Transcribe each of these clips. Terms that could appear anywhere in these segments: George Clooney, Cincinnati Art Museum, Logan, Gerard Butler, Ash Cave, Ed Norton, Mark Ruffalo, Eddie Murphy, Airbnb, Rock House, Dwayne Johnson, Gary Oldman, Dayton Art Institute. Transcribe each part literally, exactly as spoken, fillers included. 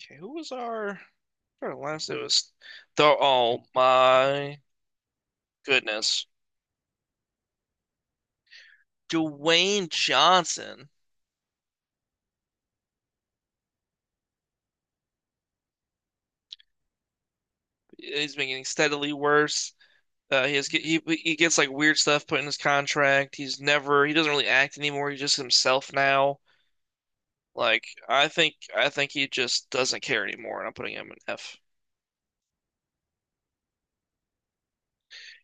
Okay, who was our, our last? It was the oh my goodness, Dwayne Johnson. He's been getting steadily worse. Uh, he has he he gets like weird stuff put in his contract. He's never he doesn't really act anymore. He's just himself now. Like I think I think he just doesn't care anymore, and I'm putting him an F.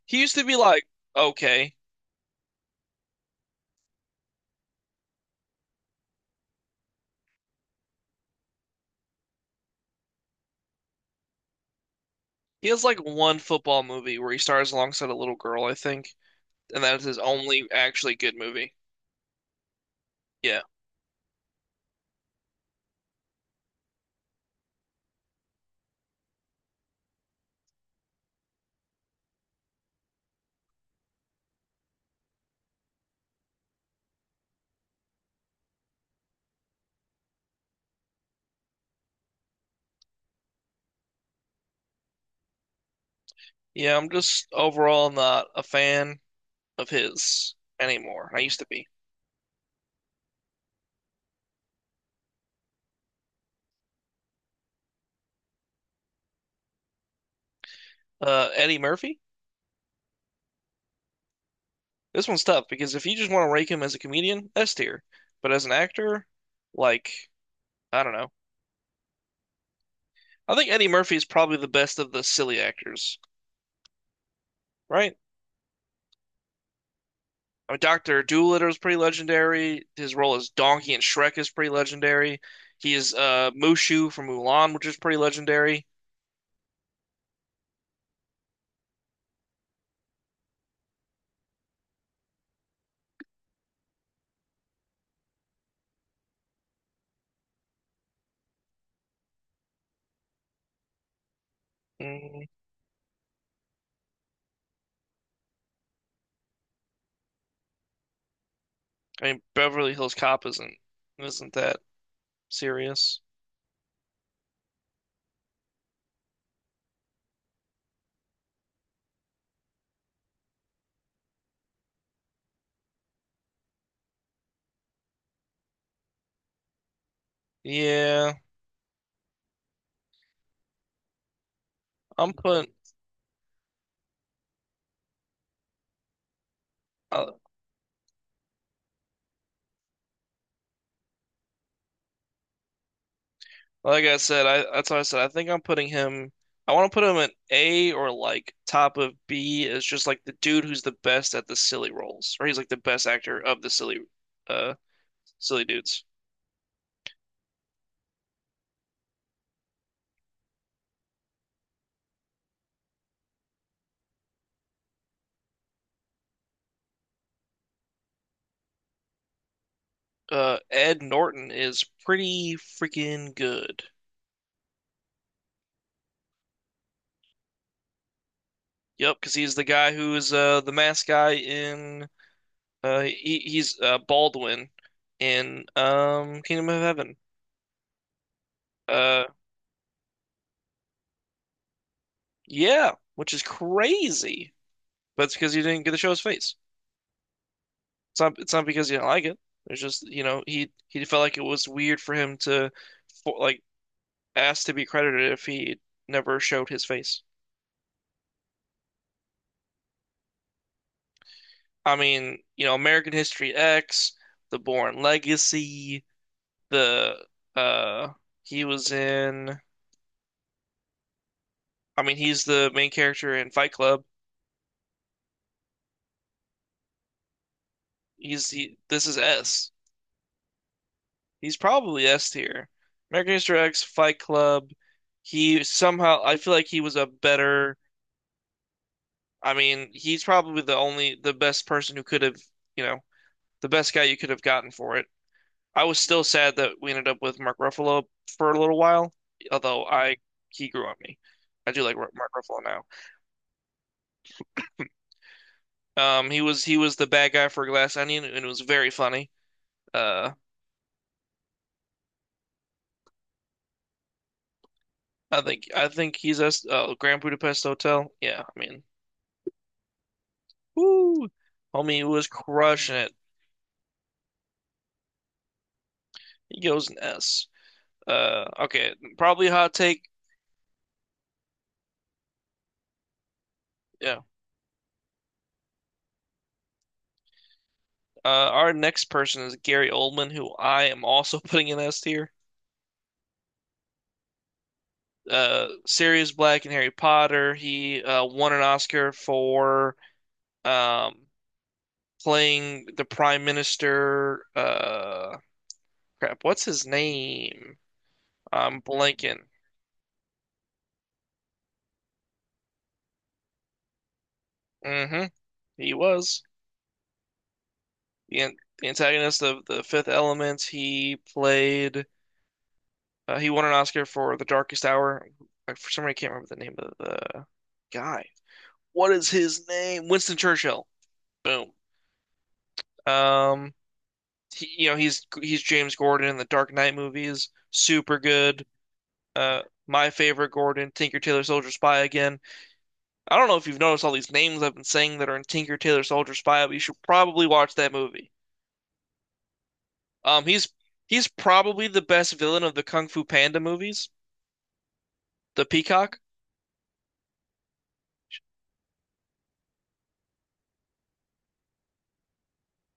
He used to be like okay. He has like one football movie where he stars alongside a little girl, I think, and that is his only actually good movie. Yeah. Yeah, I'm just overall not a fan of his anymore. I used to be. Uh, Eddie Murphy? This one's tough because if you just want to rank him as a comedian, S tier. But as an actor, like, I don't know. I think Eddie Murphy is probably the best of the silly actors, right? I mean, Doctor Doolittle is pretty legendary. His role as Donkey in Shrek is pretty legendary. He is uh, Mushu from Mulan, which is pretty legendary. Mm, I mean, Beverly Hills Cop isn't isn't that serious? Yeah. I'm putting, uh, like I said, I that's what I said. I think I'm putting him. I want to put him at A or like top of B is just like the dude who's the best at the silly roles, or he's like the best actor of the silly, uh, silly dudes. Uh, Ed Norton is pretty freaking good. Yep, because he's the guy who is uh the mask guy in uh he, he's uh Baldwin in um Kingdom of Heaven. Uh, yeah, which is crazy, but it's because you didn't get to show his face. It's not it's not because he didn't like it. It's just, you know, he he felt like it was weird for him to for, like ask to be credited if he never showed his face. I mean, you know, American History X, The Bourne Legacy, the uh he was in I mean, he's the main character in Fight Club. He's he, this is S. He's probably S tier. American History X, Fight Club. He somehow I feel like he was a better I mean, he's probably the only the best person who could have, you know, the best guy you could have gotten for it. I was still sad that we ended up with Mark Ruffalo for a little while, although I he grew on me. I do like Mark Ruffalo now. Um, he was he was the bad guy for Glass Onion, and it was very funny. Uh, I think I think he's us. Uh, Grand Budapest Hotel. Yeah, I mean, woo, homie was crushing it. He goes an S. Uh, okay, probably hot take. Yeah, Uh, our next person is Gary Oldman, who I am also putting in S tier. Uh, Sirius Black in Harry Potter. He uh, won an Oscar for um, playing the Prime Minister. Uh, crap, what's his name? I'm blanking. Hmm. He was the, the antagonist of The Fifth Element. He played. Uh, he won an Oscar for The Darkest Hour. For some reason, I can't remember the name of the guy. What is his name? Winston Churchill. Boom. Um, he, you know, he's he's James Gordon in the Dark Knight movies. Super good. Uh, my favorite Gordon, Tinker Tailor Soldier Spy again. I don't know if you've noticed all these names I've been saying that are in Tinker Tailor Soldier Spy, but you should probably watch that movie. Um, he's he's probably the best villain of the Kung Fu Panda movies, the Peacock,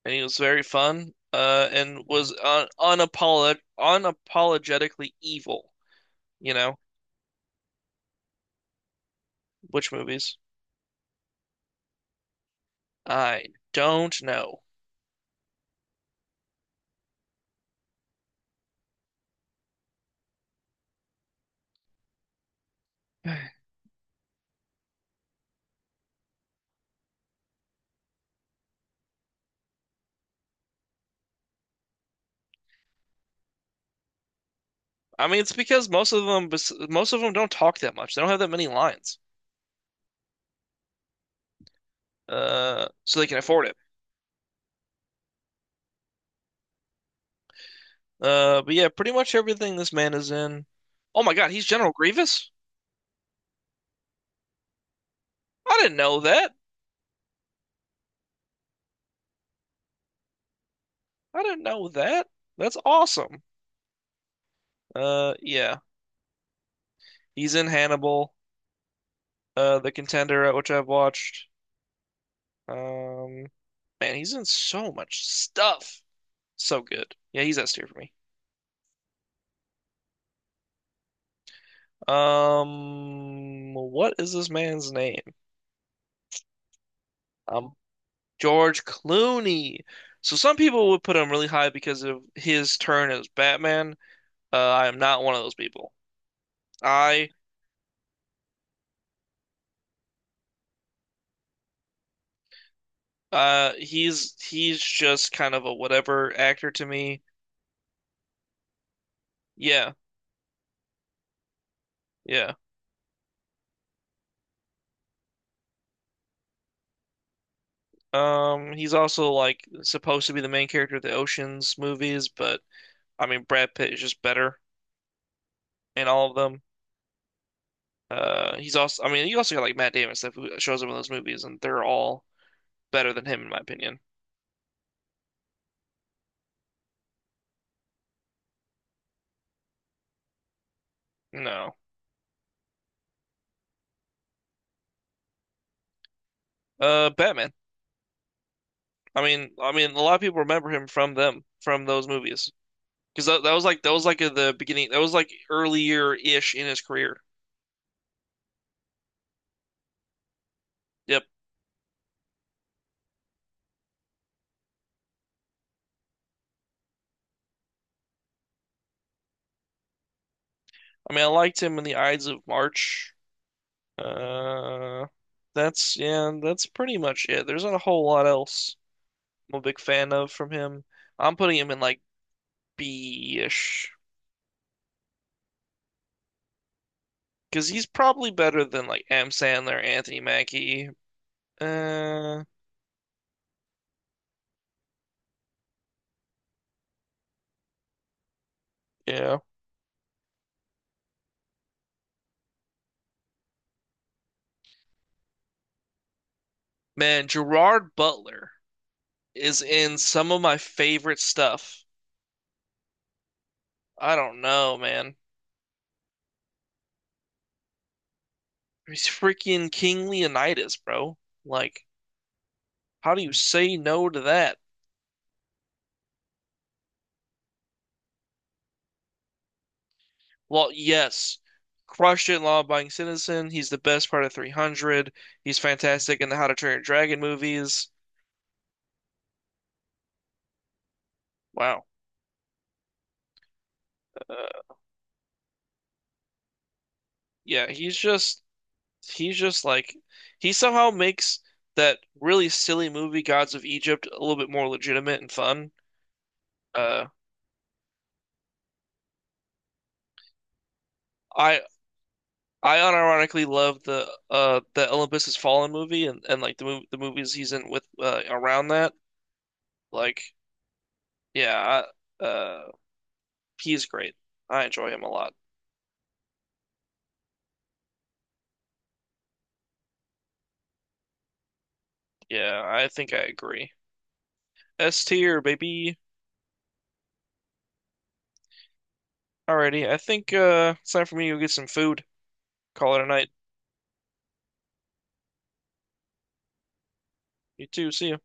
and he was very fun. Uh, and was uh, unapolog unapologetically evil. You know, which movies? I don't know. I mean, it's because most of them, bes- most of them don't talk that much. They don't have that many lines, uh, so they can afford it. Uh, but yeah, pretty much everything this man is in. Oh my God, he's General Grievous? I didn't know that. I didn't know that. That's awesome. Uh, yeah, he's in Hannibal, uh, The Contender, uh, which I've watched. Um, man, he's in so much stuff. So good. Yeah, he's S tier for me. Um, what is this man's name? I'm George Clooney. So some people would put him really high because of his turn as Batman. Uh, I am not one of those people. I uh he's he's just kind of a whatever actor to me. Yeah, yeah. Um, he's also like supposed to be the main character of the Ocean's movies, but I mean Brad Pitt is just better in all of them. Uh, he's also I mean you also got like Matt Damon stuff who shows up in those movies, and they're all better than him in my opinion. No, uh, Batman. I mean, I mean, a lot of people remember him from them, from those movies, because that, that was like that was like at the beginning, that was like earlier-ish in his career. Yep. I mean, I liked him in The Ides of March. Uh, that's yeah, that's pretty much it. There's not a whole lot else I'm a big fan of from him. I'm putting him in like B-ish because he's probably better than like M. Sandler, Anthony Mackie. Uh, yeah, man, Gerard Butler is in some of my favorite stuff. I don't know, man. He's freaking King Leonidas, bro. Like, how do you say no to that? Well, yes. Crushed it, law-abiding citizen. He's the best part of three hundred. He's fantastic in the How to Train Your Dragon movies. Wow. Uh, yeah, he's just he's just like he somehow makes that really silly movie Gods of Egypt a little bit more legitimate and fun. Uh, I I unironically love the uh the Olympus Has Fallen movie and, and like the mov the movies he's in with uh, around that. Like, yeah, I, uh he's great. I enjoy him a lot. Yeah, I think I agree. S tier, baby. Alrighty, I think uh it's time for me to go get some food. Call it a night. You too, see ya.